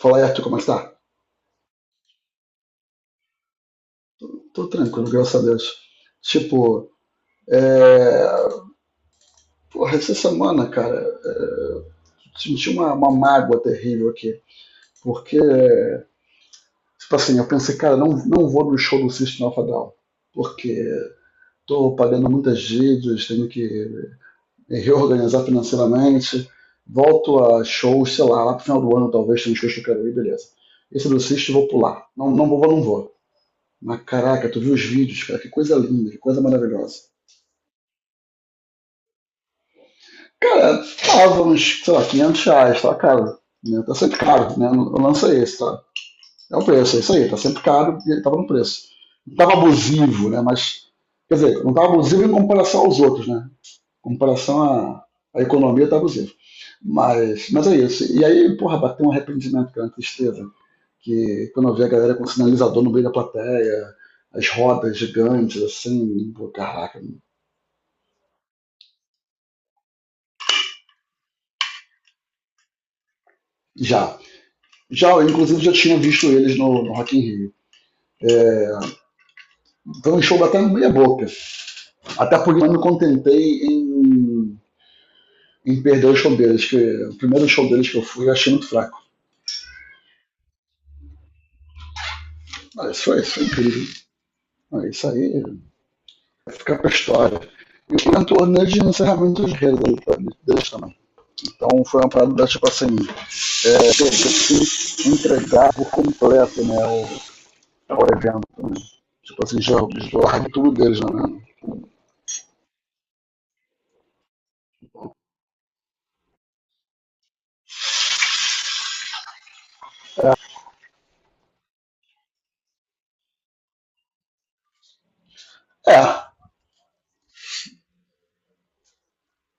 Flerto, como é que tá? Tô tranquilo, graças a Deus. Tipo, é... Porra, essa semana, cara, senti uma mágoa terrível aqui. Porque, tipo assim, eu pensei, cara, não vou no show do System Alpha Down. Porque tô pagando muitas dívidas, tenho que me reorganizar financeiramente. Volto a shows, sei lá, lá pro final do ano talvez tenha um show que eu quero ir, beleza. Esse do System eu vou pular. Não, não vou, não vou. Mas caraca, tu viu os vídeos, cara, que coisa linda, que coisa maravilhosa. Cara, tava uns, sei lá, R$ 500, tá caro. Né? Tá sempre caro, né? O lance é esse, tá? É o preço, é isso aí, tá sempre caro e ele tava no preço. Não tava abusivo, né? Mas, quer dizer, não tava abusivo em comparação aos outros, né? Em comparação à economia, tá abusivo. Mas é isso. E aí, porra, bateu um arrependimento, cara, uma tristeza. Que quando eu vi a galera com sinalizador no meio da plateia, as rodas gigantes, assim, pô, caraca. Já. Já, eu, inclusive, já tinha visto eles no Rock in Rio. É, foi um show até meia boca. Até porque eu não me contentei em perder o show deles, que o primeiro show deles que eu fui eu achei muito fraco. Ah, isso é incrível. Ah, isso aí vai ficar pra história. E foi um torneio de encerramento de rede deles também. Então foi uma parada, tipo assim, é, que eu tive que entregar por completo né, o evento. Né? Tipo assim, já larguei tudo deles, né? É,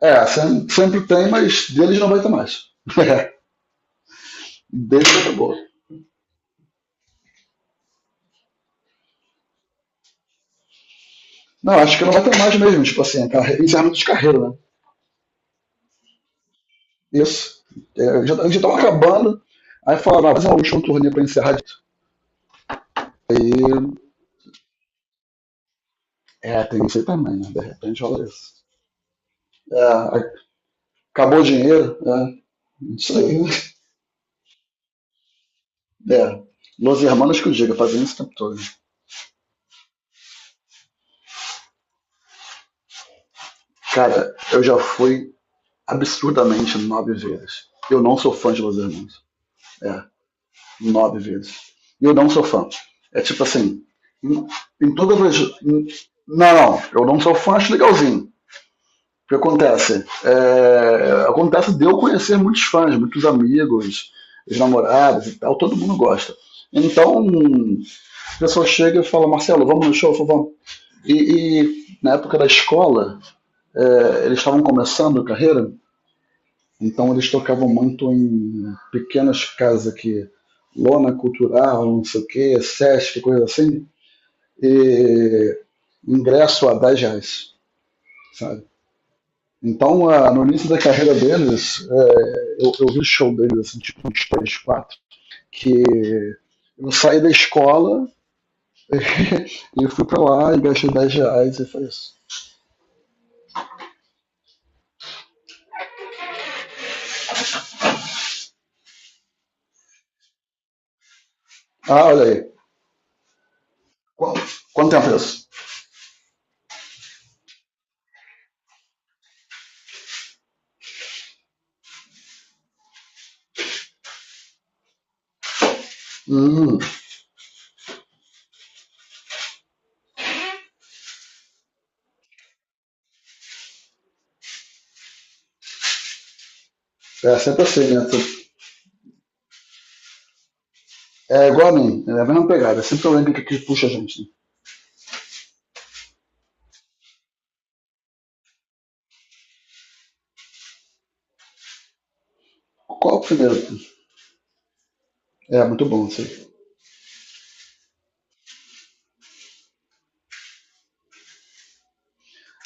é, sempre, sempre tem, mas deles não vai ter mais. Beijo e acabou. Não, acho que não vai ter mais mesmo, tipo assim, encerramento de carreira, né? Isso. É, já estavam acabando, aí falaram, ah, fazer um último turnê pra encerrar isso. Aí, é, tem isso aí também, né? De repente rola isso. É, acabou o dinheiro, é, isso aí. É, Los Hermanos que eu diga, fazendo isso o tempo todo. Cara, eu já fui absurdamente 9 vezes. Eu não sou fã de Los Hermanos. É, 9 vezes. E eu não sou fã. É tipo assim, em, em todas as. Não, não, eu não sou fã, acho legalzinho. O que acontece? É, acontece de eu conhecer muitos fãs, muitos amigos, os namorados e tal, todo mundo gosta. Então, a pessoa chega e fala, Marcelo, vamos no show, eu falo, vamos. E na época da escola, é, eles estavam começando a carreira, então eles tocavam muito em pequenas casas aqui, lona cultural, não sei o que, Sesc, coisa assim, e ingresso a R$ 10, sabe? Então, a, no início da carreira deles, é, eu vi show deles, assim, tipo uns 3, 4, que eu saí da escola e eu fui pra lá e gastei R$ 10 e foi isso. Ah, olha aí. Quanto, quanto tempo é isso? Hum, é sempre assim, né? Tu é igual a mim, é a mesma pegada, é sempre alguém que aqui puxa a gente, né? Qual é o primeiro? É, muito bom isso aí.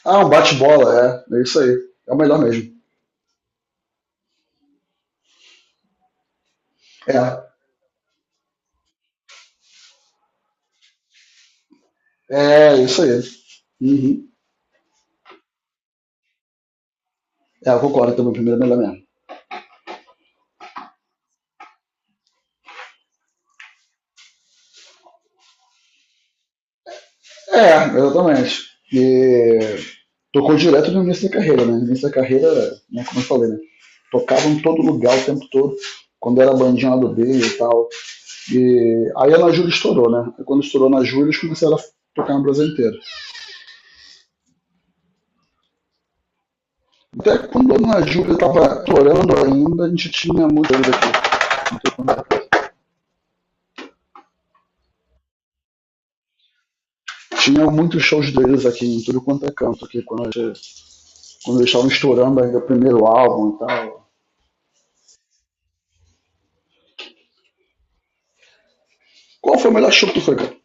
Ah, um bate-bola, é, é isso aí. É o melhor mesmo. É, é isso aí. Uhum. É, eu concordo também, o primeiro é o melhor mesmo. É, exatamente. E tocou direto no início da carreira, né? No início da carreira, né, como eu falei, né? Tocava em todo lugar o tempo todo, quando era bandinha lá do B e tal. E aí a Ana Júlia estourou, né? Aí quando estourou na Júlia, eles começaram a tocar no Brasil inteiro. Até quando a Dona Júlia estava chorando ainda, a gente tinha muito deles aqui. é- Tinha muitos shows deles aqui em tudo quanto é canto, aqui, quando, quando eles estavam estourando ainda o primeiro álbum e tal. Qual foi o melhor show que tu foi, cara?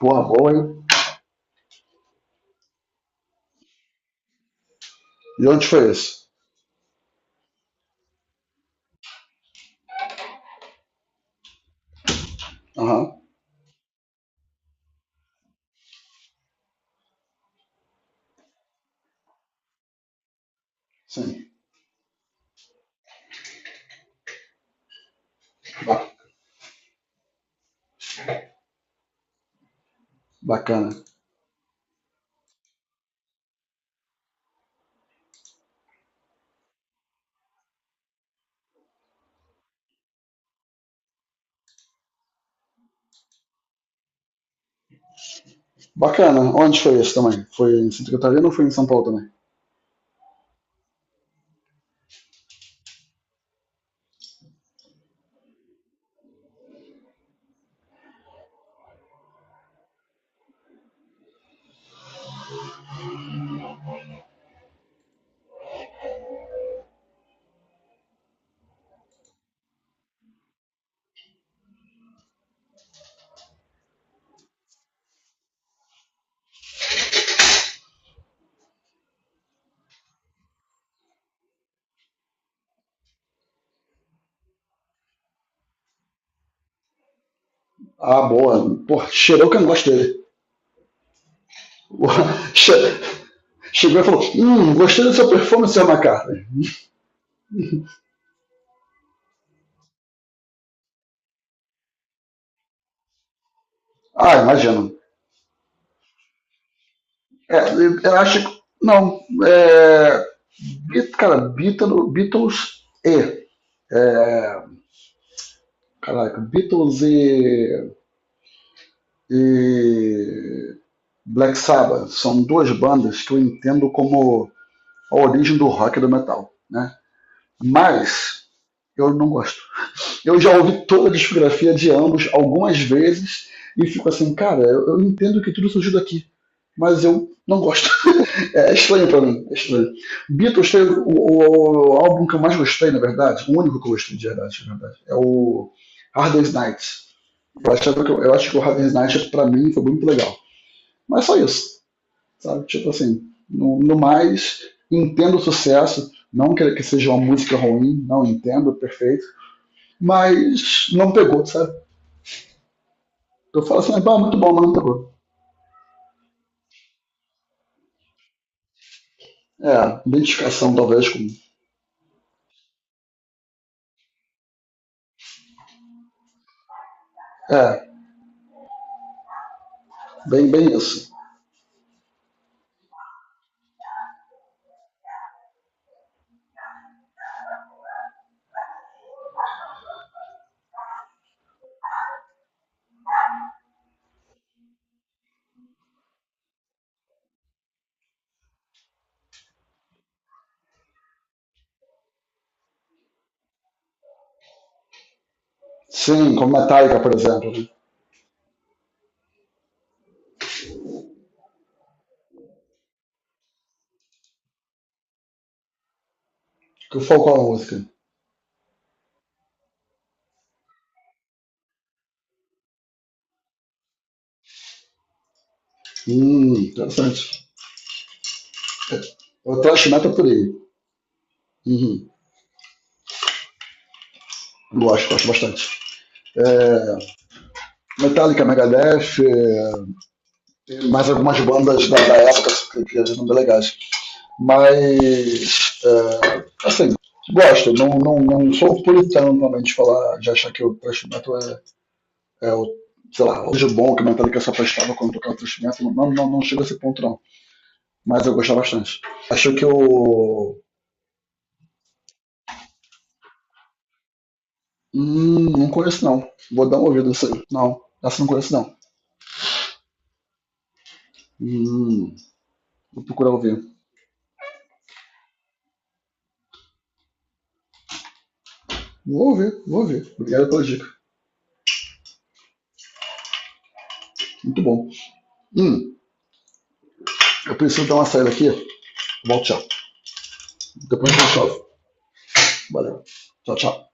Porra, boa, hein? E onde foi esse? Aham, uhum. Sim. Ba- bacana. Bacana. Onde foi esse também? Foi em Santa Catarina ou foi em São Paulo também? Ah, boa. Porra, cheirou que eu não gosto dele. Porra, Che- Chegou e falou, gostei da sua performance, seu McCartney. Ah, imagino. É, eu acho que. Não. É, cara, Beatles, Beatles e. É, caraca, Beatles e Black Sabbath são duas bandas que eu entendo como a origem do rock e do metal, né? Mas eu não gosto. Eu já ouvi toda a discografia de ambos algumas vezes e fico assim, cara, eu entendo que tudo surgiu daqui, mas eu não gosto. É estranho pra mim, é estranho. Beatles tem o, o álbum que eu mais gostei, na verdade, o único que eu gostei de verdade, na verdade, é o Hard Day's Night. Eu acho que o Hard Day's Night, pra mim, foi muito legal. Mas é só isso, sabe? Tipo assim, no mais, entendo o sucesso, não que seja uma música ruim, não entendo, perfeito, mas não pegou, sabe? Eu falo assim, ah, muito bom, mas não pegou. É, identificação talvez com... É, bem, bem isso. Sim, como Metallica, por exemplo, né? Que o Falcão é uma música interessante. Eu trash metal por aí. Uhum. Gosto, gosto bastante. É, Metallica, Megadeth, é, tem mais algumas bandas da época que eram bem legais. Mas, é, assim, gosto. Não, não, não sou puritano normalmente de falar, de achar que o thrash metal é, é o, sei lá, hoje bom que o Metallica só prestava quando tocava o thrash metal. Não, não, não chega a esse ponto, não. Mas eu gostava bastante. Acho que o não conheço não. Vou dar uma ouvida nessa aí. Não, essa eu não conheço não. Hum, vou procurar ouvir. Vou ouvir, vou ouvir. Obrigado pela dica. Muito bom. Hum, eu preciso dar uma saída aqui. Volto já. Depois a gente chove. Valeu. Tchau, tchau.